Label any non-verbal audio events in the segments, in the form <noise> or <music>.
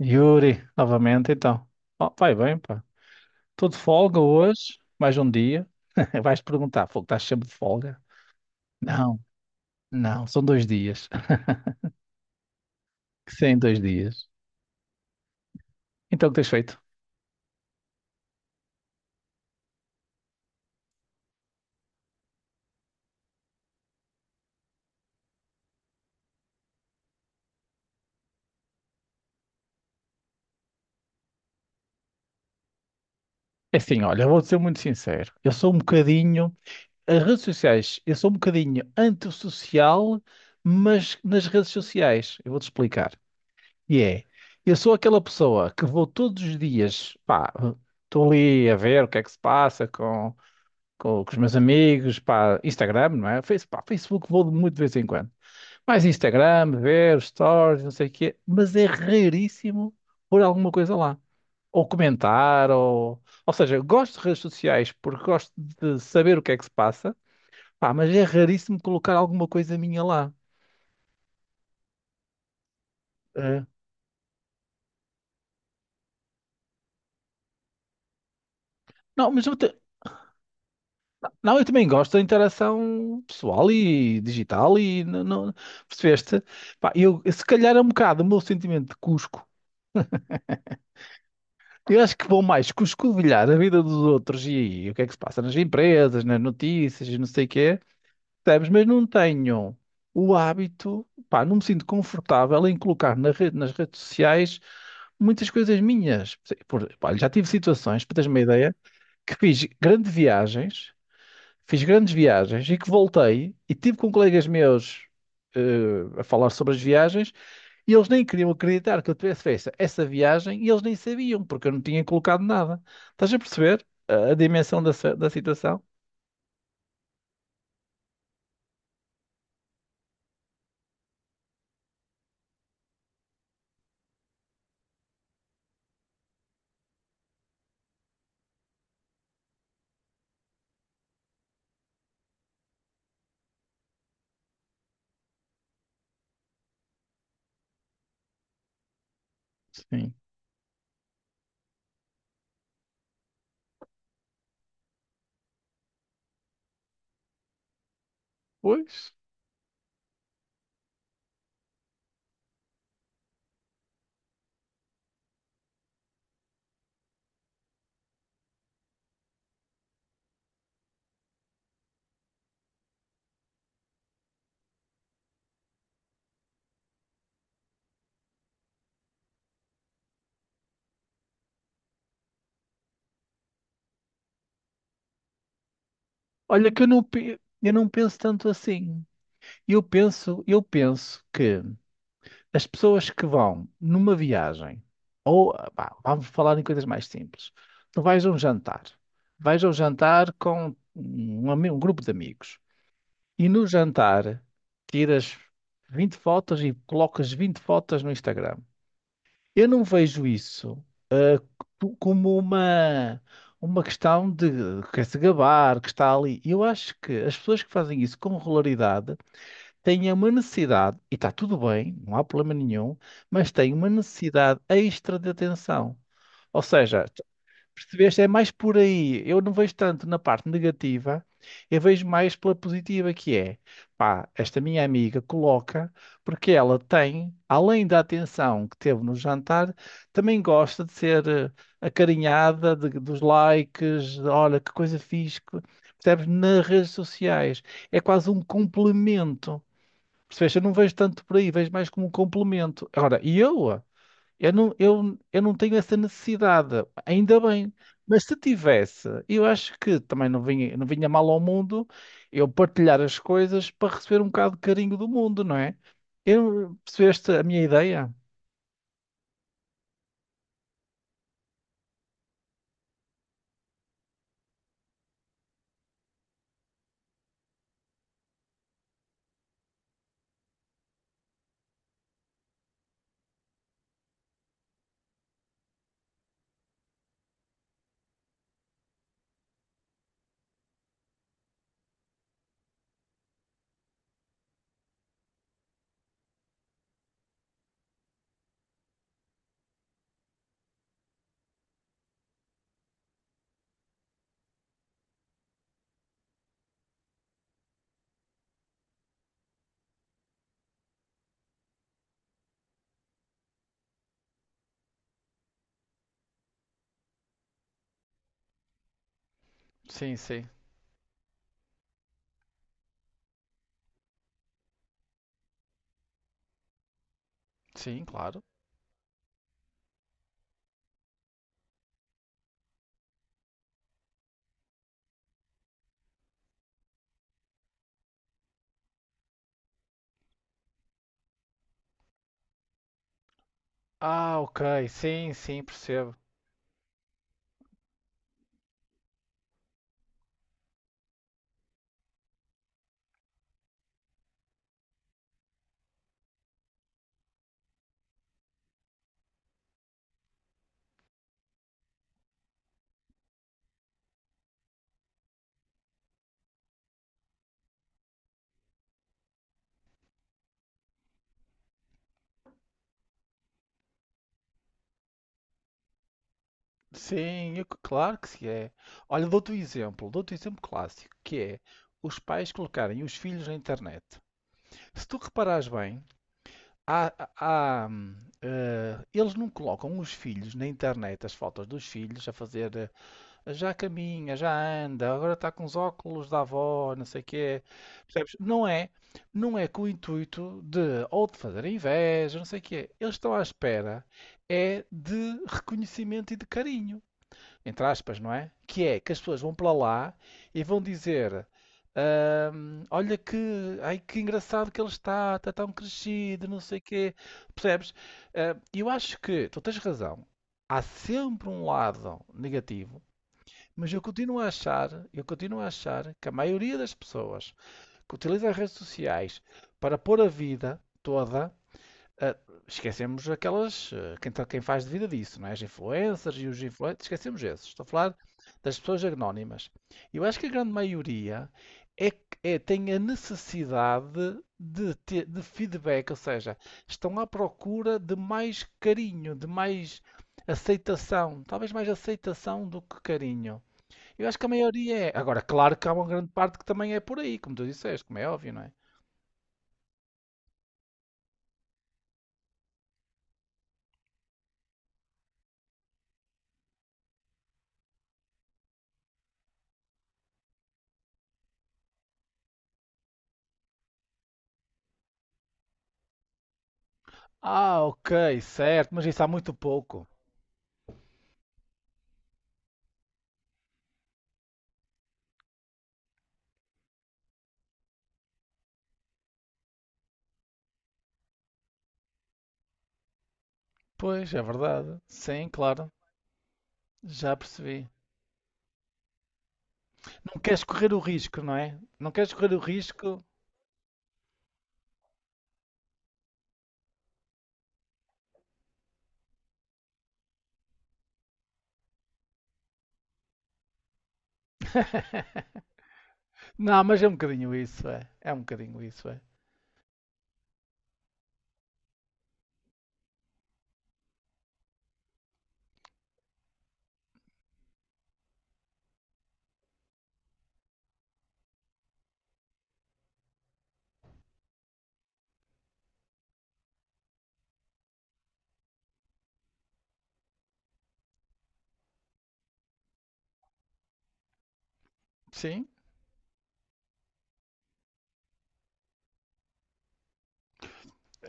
Yuri, novamente então. Oh, vai bem, pá. Estou de folga hoje, mais um dia. <laughs> Vais perguntar, fogo, estás sempre de folga? Não, não, são dois dias. <laughs> Sim, dois dias. Então, o que tens feito? É assim, olha, vou ser muito sincero. Eu sou um bocadinho. As redes sociais, eu sou um bocadinho antissocial, mas nas redes sociais. Eu vou-te explicar. E é. Eu sou aquela pessoa que vou todos os dias, pá, estou ali a ver o que é que se passa com os meus amigos, pá, Instagram, não é? Face, pá, Facebook vou muito de vez em quando. Mais Instagram, ver stories, não sei o quê, mas é raríssimo pôr alguma coisa lá. Ou comentar, ou... Ou seja, eu gosto de redes sociais porque gosto de saber o que é que se passa, pá, mas é raríssimo colocar alguma coisa minha lá. É. Não, não, eu também gosto da interação pessoal e digital e... percebeste? Pá, eu, se calhar é um bocado o meu sentimento de Cusco. Eu acho que vou mais cuscovilhar escovilhar a vida dos outros e, aí, o que é que se passa nas empresas, nas notícias e não sei o quê, percebes? Mas não tenho o hábito, pá, não me sinto confortável em colocar na rede, nas redes sociais muitas coisas minhas. Por, pá, já tive situações, para teres uma ideia, que fiz grandes viagens, fiz grandes viagens e que voltei e tive com colegas meus a falar sobre as viagens e eles nem queriam acreditar que eu tivesse feito essa viagem e eles nem sabiam porque eu não tinha colocado nada. Estás a perceber a dimensão da da situação? Sim. Pois. Olha que eu não, pe- eu não penso tanto assim. Eu penso que as pessoas que vão numa viagem, ou pá, vamos falar em coisas mais simples. Tu vais a um jantar, vais a um jantar com um grupo de amigos, e no jantar tiras 20 fotos e colocas 20 fotos no Instagram. Eu não vejo isso como uma questão de quer se gabar, que está ali. Eu acho que as pessoas que fazem isso com regularidade têm uma necessidade, e está tudo bem, não há problema nenhum, mas têm uma necessidade extra de atenção. Ou seja, percebeste? É mais por aí. Eu não vejo tanto na parte negativa, eu vejo mais pela positiva que é. Pá, esta minha amiga coloca, porque ela tem, além da atenção que teve no jantar, também gosta de ser acarinhada, dos likes, de, olha que coisa fixe. Que... percebes? Nas redes sociais. É quase um complemento. Percebeste? Eu não vejo tanto por aí, vejo mais como um complemento. Agora, eu não tenho essa necessidade, ainda bem. Mas se tivesse, eu acho que também não vinha mal ao mundo eu partilhar as coisas para receber um bocado de carinho do mundo, não é? Eu, percebeste a minha ideia? Sim, sim. Sim, claro. Ah, ok. Sim, sim, percebo. Claro que se é. Olha, dou-te um exemplo clássico, que é os pais colocarem os filhos na internet. Se tu reparares bem, há- há, hum, eles não colocam os filhos na internet, as fotos dos filhos, a fazer já caminha, já anda, agora está com os óculos da avó, não sei o quê. Percebes? Não é com o intuito de ou de fazer inveja, não sei o quê. Eles estão à espera é de reconhecimento e de carinho entre aspas, não é? Que é que as pessoas vão para lá e vão dizer: " Olha que, ai, que engraçado que ele está, está tão crescido, não sei o quê." Percebes? Ah, eu acho que tu tens razão. Há sempre um lado negativo, mas eu continuo a achar que a maioria das pessoas que utilizam as redes sociais para pôr a vida toda, ah, esquecemos aquelas. Quem faz de vida disso, não é? As influencers e os influencers. Esquecemos esses. Estou a falar das pessoas anónimas. Eu acho que a grande maioria tem a necessidade de feedback, ou seja, estão à procura de mais carinho, de mais aceitação. Talvez mais aceitação do que carinho. Eu acho que a maioria é. Agora, claro que há uma grande parte que também é por aí, como tu disseste, como é óbvio, não é? Ah, ok, certo, mas isso há muito pouco. Pois, é verdade. Sim, claro. Já percebi. Não queres correr o risco, não é? Não queres correr o risco. <laughs> Não, mas é um bocadinho isso, é. É um bocadinho isso, é. Sim.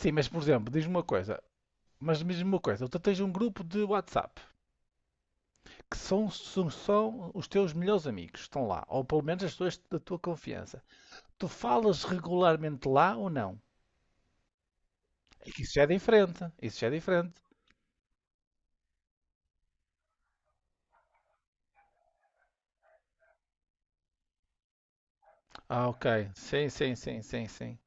Sim, mas por exemplo, diz-me uma coisa. Mas diz-me uma coisa. Tu tens um grupo de WhatsApp que são os teus melhores amigos. Estão lá. Ou pelo menos as pessoas da tua confiança. Tu falas regularmente lá ou não? É. Isso já é diferente. Isso já é diferente. Ah, ok. Sim, sim, sim, sim, sim.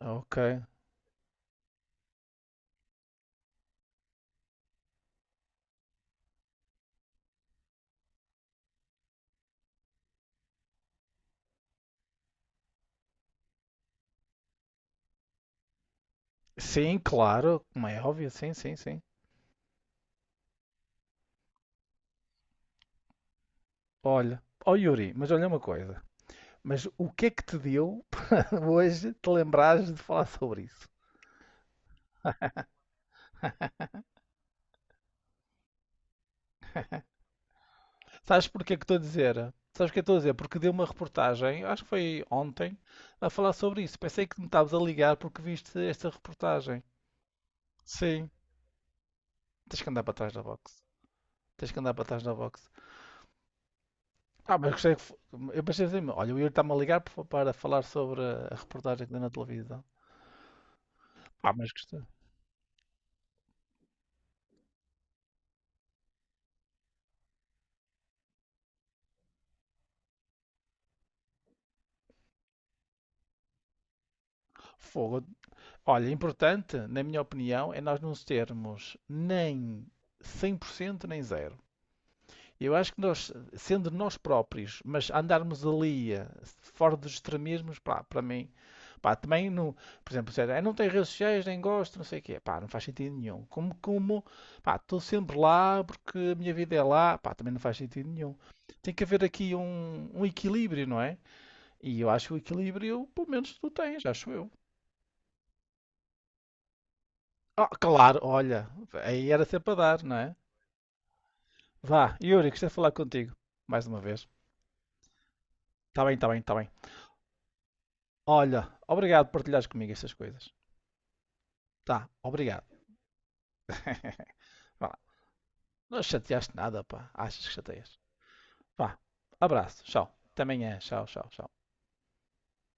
Ok. Sim, claro, como é óbvio, sim, sim, sim. Olha, ó Yuri, mas olha uma coisa. Mas o que é que te deu <laughs> para hoje te lembrares de falar sobre isso? Sabes porque é que estou a dizer? Sabes o que é que estou a dizer? Porque deu uma reportagem, acho que foi ontem, a falar sobre isso. Pensei que me estavas a ligar porque viste esta reportagem. Sim, tens que andar para trás da box. Tens que andar para trás da box. Ah, mas gostei que. fo- Eu pensei assim, olha, o Yuri está-me a ligar para falar sobre a reportagem que deu na televisão. Ah, mas gostei. Fogo, olha, importante, na minha opinião, é nós não termos nem 100% nem zero. Eu acho que nós, sendo nós próprios, mas andarmos ali fora dos extremismos, pá, para mim, pá, também não, por exemplo, dizer: "Ah, não tem redes sociais, nem gosto, não sei o quê, pá, não faz sentido nenhum." Como, pá, estou sempre lá porque a minha vida é lá, pá, também não faz sentido nenhum. Tem que haver aqui um, um equilíbrio, não é? E eu acho que o equilíbrio, pelo menos, tu tens, acho eu. Ah, claro, olha, aí era sempre a dar, não é? Vá, Yuri, gostei de falar contigo. Mais uma vez. Tá bem, tá bem, tá bem. Olha, obrigado por partilhares comigo estas coisas. Tá, obrigado. <laughs> Vá lá. Não chateaste nada, pá. Achas que chateias. Vá, abraço, tchau. Até amanhã, tchau, tchau, tchau.